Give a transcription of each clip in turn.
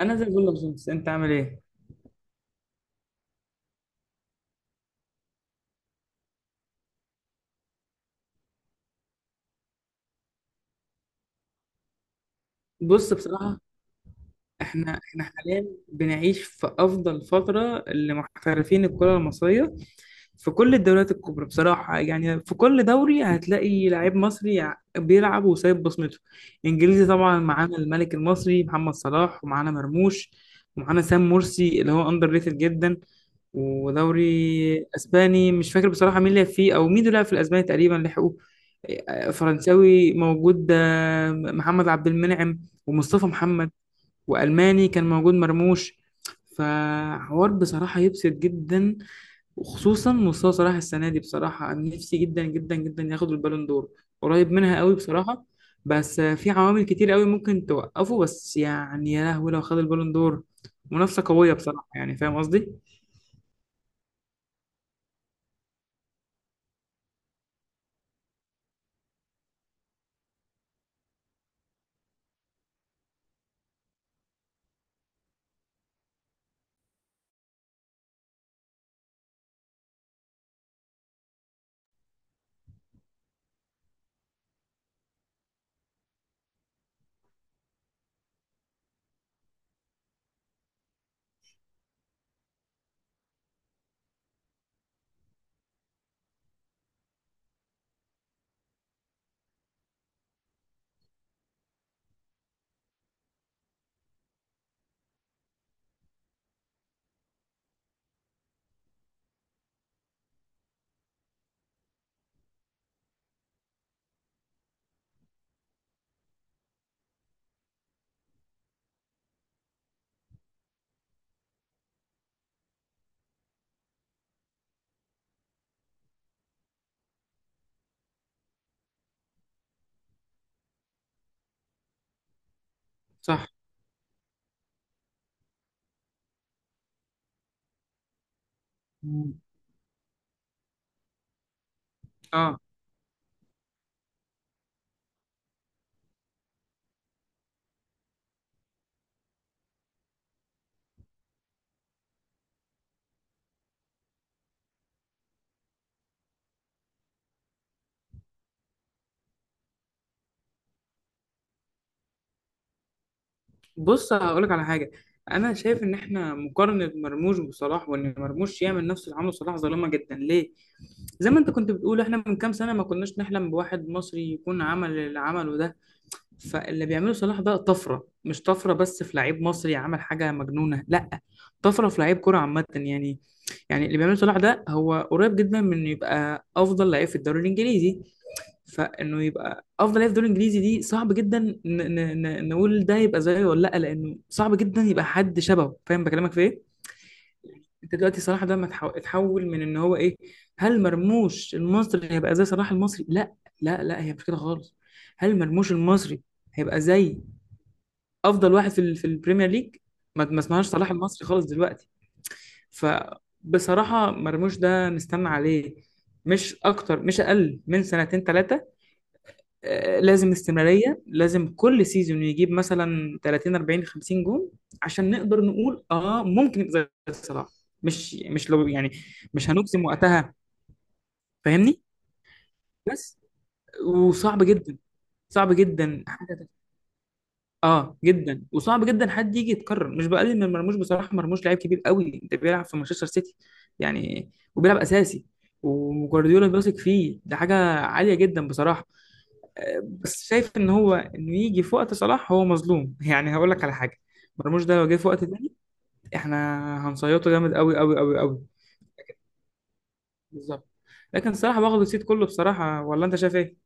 انا زي الفل يا باشمهندس، انت عامل ايه؟ بصراحه احنا حاليا بنعيش في افضل فتره لمحترفين الكره المصريه. في كل الدوريات الكبرى بصراحه، يعني في كل دوري هتلاقي لعيب مصري بيلعب وسايب بصمته. انجليزي طبعا معانا الملك المصري محمد صلاح ومعانا مرموش، ومعانا سام مرسي اللي هو اندر ريتد جدا. ودوري اسباني مش فاكر بصراحه مين لعب فيه، او مين لعب في الاسباني تقريبا لحقوه. فرنساوي موجود، محمد عبد المنعم ومصطفى محمد. والماني كان موجود مرموش. فحوار بصراحه يبسط جدا، وخصوصا مصطفى صلاح السنه دي. بصراحه أنا نفسي جدا جدا جدا ياخد البالون دور، قريب منها قوي بصراحه. بس في عوامل كتير قوي ممكن توقفه، بس يعني يا لهوي لو خد البالون دور منافسه قويه بصراحه، يعني فاهم قصدي؟ صح. اه، بص هقولك على حاجه. انا شايف ان احنا مقارنه مرموش بصلاح، وان مرموش يعمل نفس اللي عمله صلاح ظالمه جدا ليه. زي ما انت كنت بتقول، احنا من كام سنه ما كناش نحلم بواحد مصري يكون عمل اللي عمله ده. فاللي بيعمله صلاح ده طفره، مش طفره بس في لعيب مصري عمل حاجه مجنونه، لا، طفره في لعيب كره عامه يعني. يعني اللي بيعمله صلاح ده هو قريب جدا من إنه يبقى افضل لعيب في الدوري الانجليزي. فانه يبقى افضل لاعب في الدوري الانجليزي دي صعب جدا نقول ده يبقى زيه ولا لا، لانه صعب جدا يبقى حد شبهه. فاهم بكلمك في ايه؟ انت دلوقتي صلاح ده ما اتحول من ان هو ايه. هل مرموش المصري هيبقى زي صلاح المصري؟ لا، لا هي مش كده خالص. هل مرموش المصري هيبقى زي افضل واحد في البريمير ليج؟ ما اسمهاش صلاح المصري خالص دلوقتي. فبصراحة مرموش ده نستنى عليه، مش اكتر مش اقل من سنتين ثلاثة. لازم استمرارية، لازم كل سيزون يجيب مثلا 30 40 50 جون، عشان نقدر نقول اه ممكن يبقى زي صلاح. مش لو يعني، مش هنجزم وقتها. فاهمني؟ بس وصعب جدا، صعب جدا حاجة. اه جدا، وصعب جدا حد يجي يتكرر. مش بقلل من مرموش بصراحة، مرموش لعيب كبير قوي، انت بيلعب في مانشستر سيتي يعني، وبيلعب اساسي، وجوارديولا بيثق فيه، ده حاجة عالية جدا بصراحة. بس شايف ان هو انه يجي في وقت صلاح هو مظلوم يعني هقول لك على حاجه، مرموش ده لو جه في وقت تاني، احنا هنصيطه جامد قوي قوي قوي قوي. بالظبط. لكن صلاح واخد الصيت كله بصراحه، ولا انت شايف ايه؟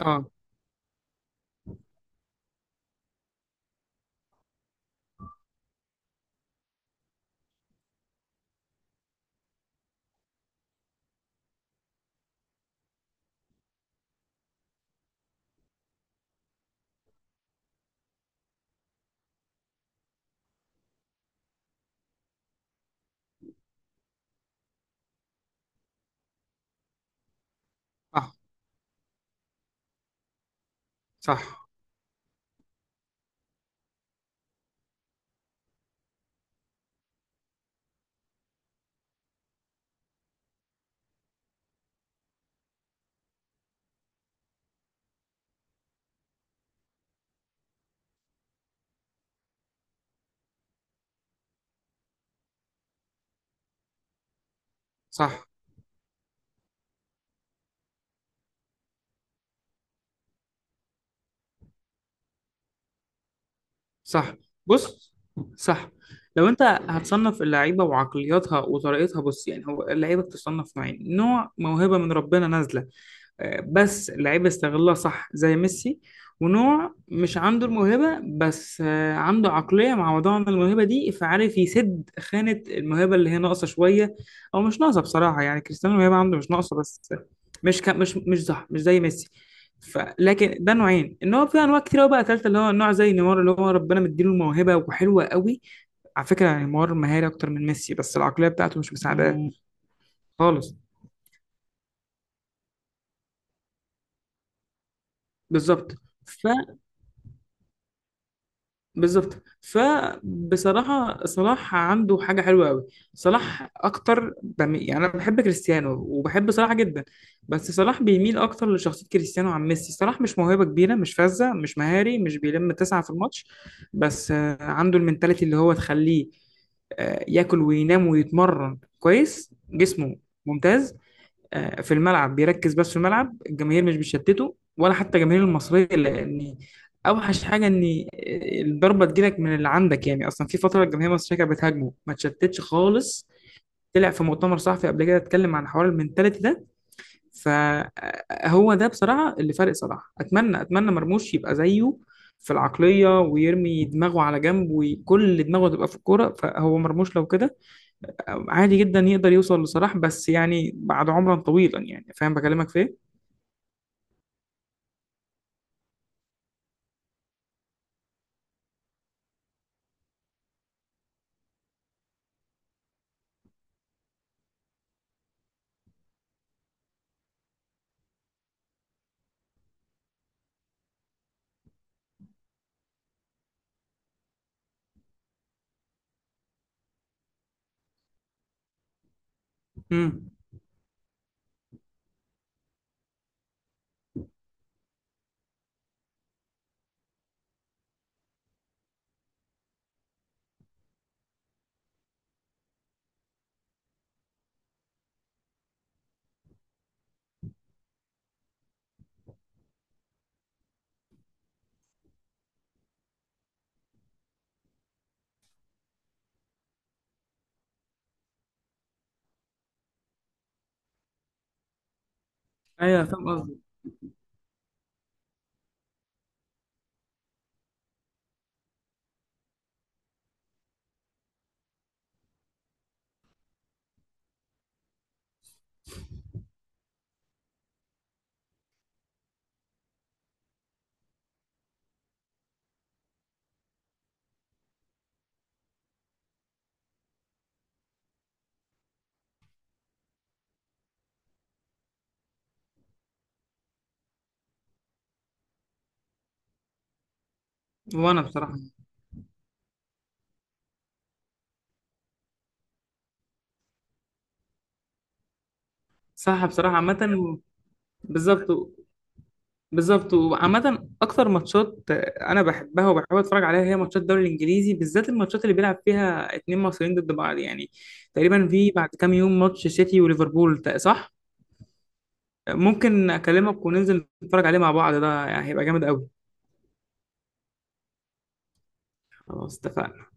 اه. صح. صح. صح. صح. بص. صح. لو انت هتصنف اللعيبه وعقلياتها وطريقتها، بص يعني هو اللعيبه بتصنف نوعين: نوع موهبه من ربنا نازله بس اللعيبة استغلها صح زي ميسي، ونوع مش عنده الموهبة بس عنده عقلية معوضة عن الموهبة دي، فعارف يسد خانة الموهبة اللي هي ناقصة شوية. أو مش ناقصة بصراحة، يعني كريستيانو الموهبة عنده مش ناقصة، بس مش صح مش زي ميسي. لكن ده نوعين، ان هو في انواع كتير قوي. بقى تالتة اللي هو النوع زي نيمار، اللي هو ربنا مديله الموهبة وحلوة قوي على فكرة. يعني نيمار مهاري اكتر من ميسي، بس العقلية بتاعته مش مساعداه. خالص. بالظبط. بالظبط. فبصراحة صلاح عنده حاجة حلوة قوي. صلاح أكتر يعني أنا بحب كريستيانو وبحب صلاح جدا، بس صلاح بيميل أكتر لشخصية كريستيانو عن ميسي. صلاح مش موهبة كبيرة، مش فذة، مش مهاري، مش بيلم تسعة في الماتش، بس عنده المنتاليتي اللي هو تخليه ياكل وينام ويتمرن كويس، جسمه ممتاز، في الملعب بيركز. بس في الملعب الجماهير مش بتشتته، ولا حتى الجماهير المصرية، لأن أوحش حاجة إن الضربة تجيلك من اللي عندك، يعني أصلا في فترة الجماهير المصرية كانت بتهاجمه ما تشتتش خالص. طلع في مؤتمر صحفي قبل كده، اتكلم عن حوار المنتاليتي ده. فهو ده بصراحة اللي فارق صلاح. أتمنى أتمنى مرموش يبقى زيه في العقلية، ويرمي دماغه على جنب وكل دماغه تبقى في الكورة. فهو مرموش لو كده عادي جدا يقدر يوصل لصلاح، بس يعني بعد عمرا طويلا يعني. فاهم بكلمك في ايه؟ امم. ايوه فاهم قصدي. وانا بصراحه صح. بصراحه عامه، بالظبط، بالظبط. وعامه اكتر ماتشات انا بحبها وبحب اتفرج عليها، هي ماتشات الدوري الانجليزي، بالذات الماتشات اللي بيلعب فيها اتنين مصريين ضد بعض يعني. تقريبا في بعد كام يوم ماتش سيتي وليفربول صح؟ ممكن اكلمك وننزل نتفرج عليه مع بعض، ده يعني هيبقى جامد قوي. خلاص اتفقنا.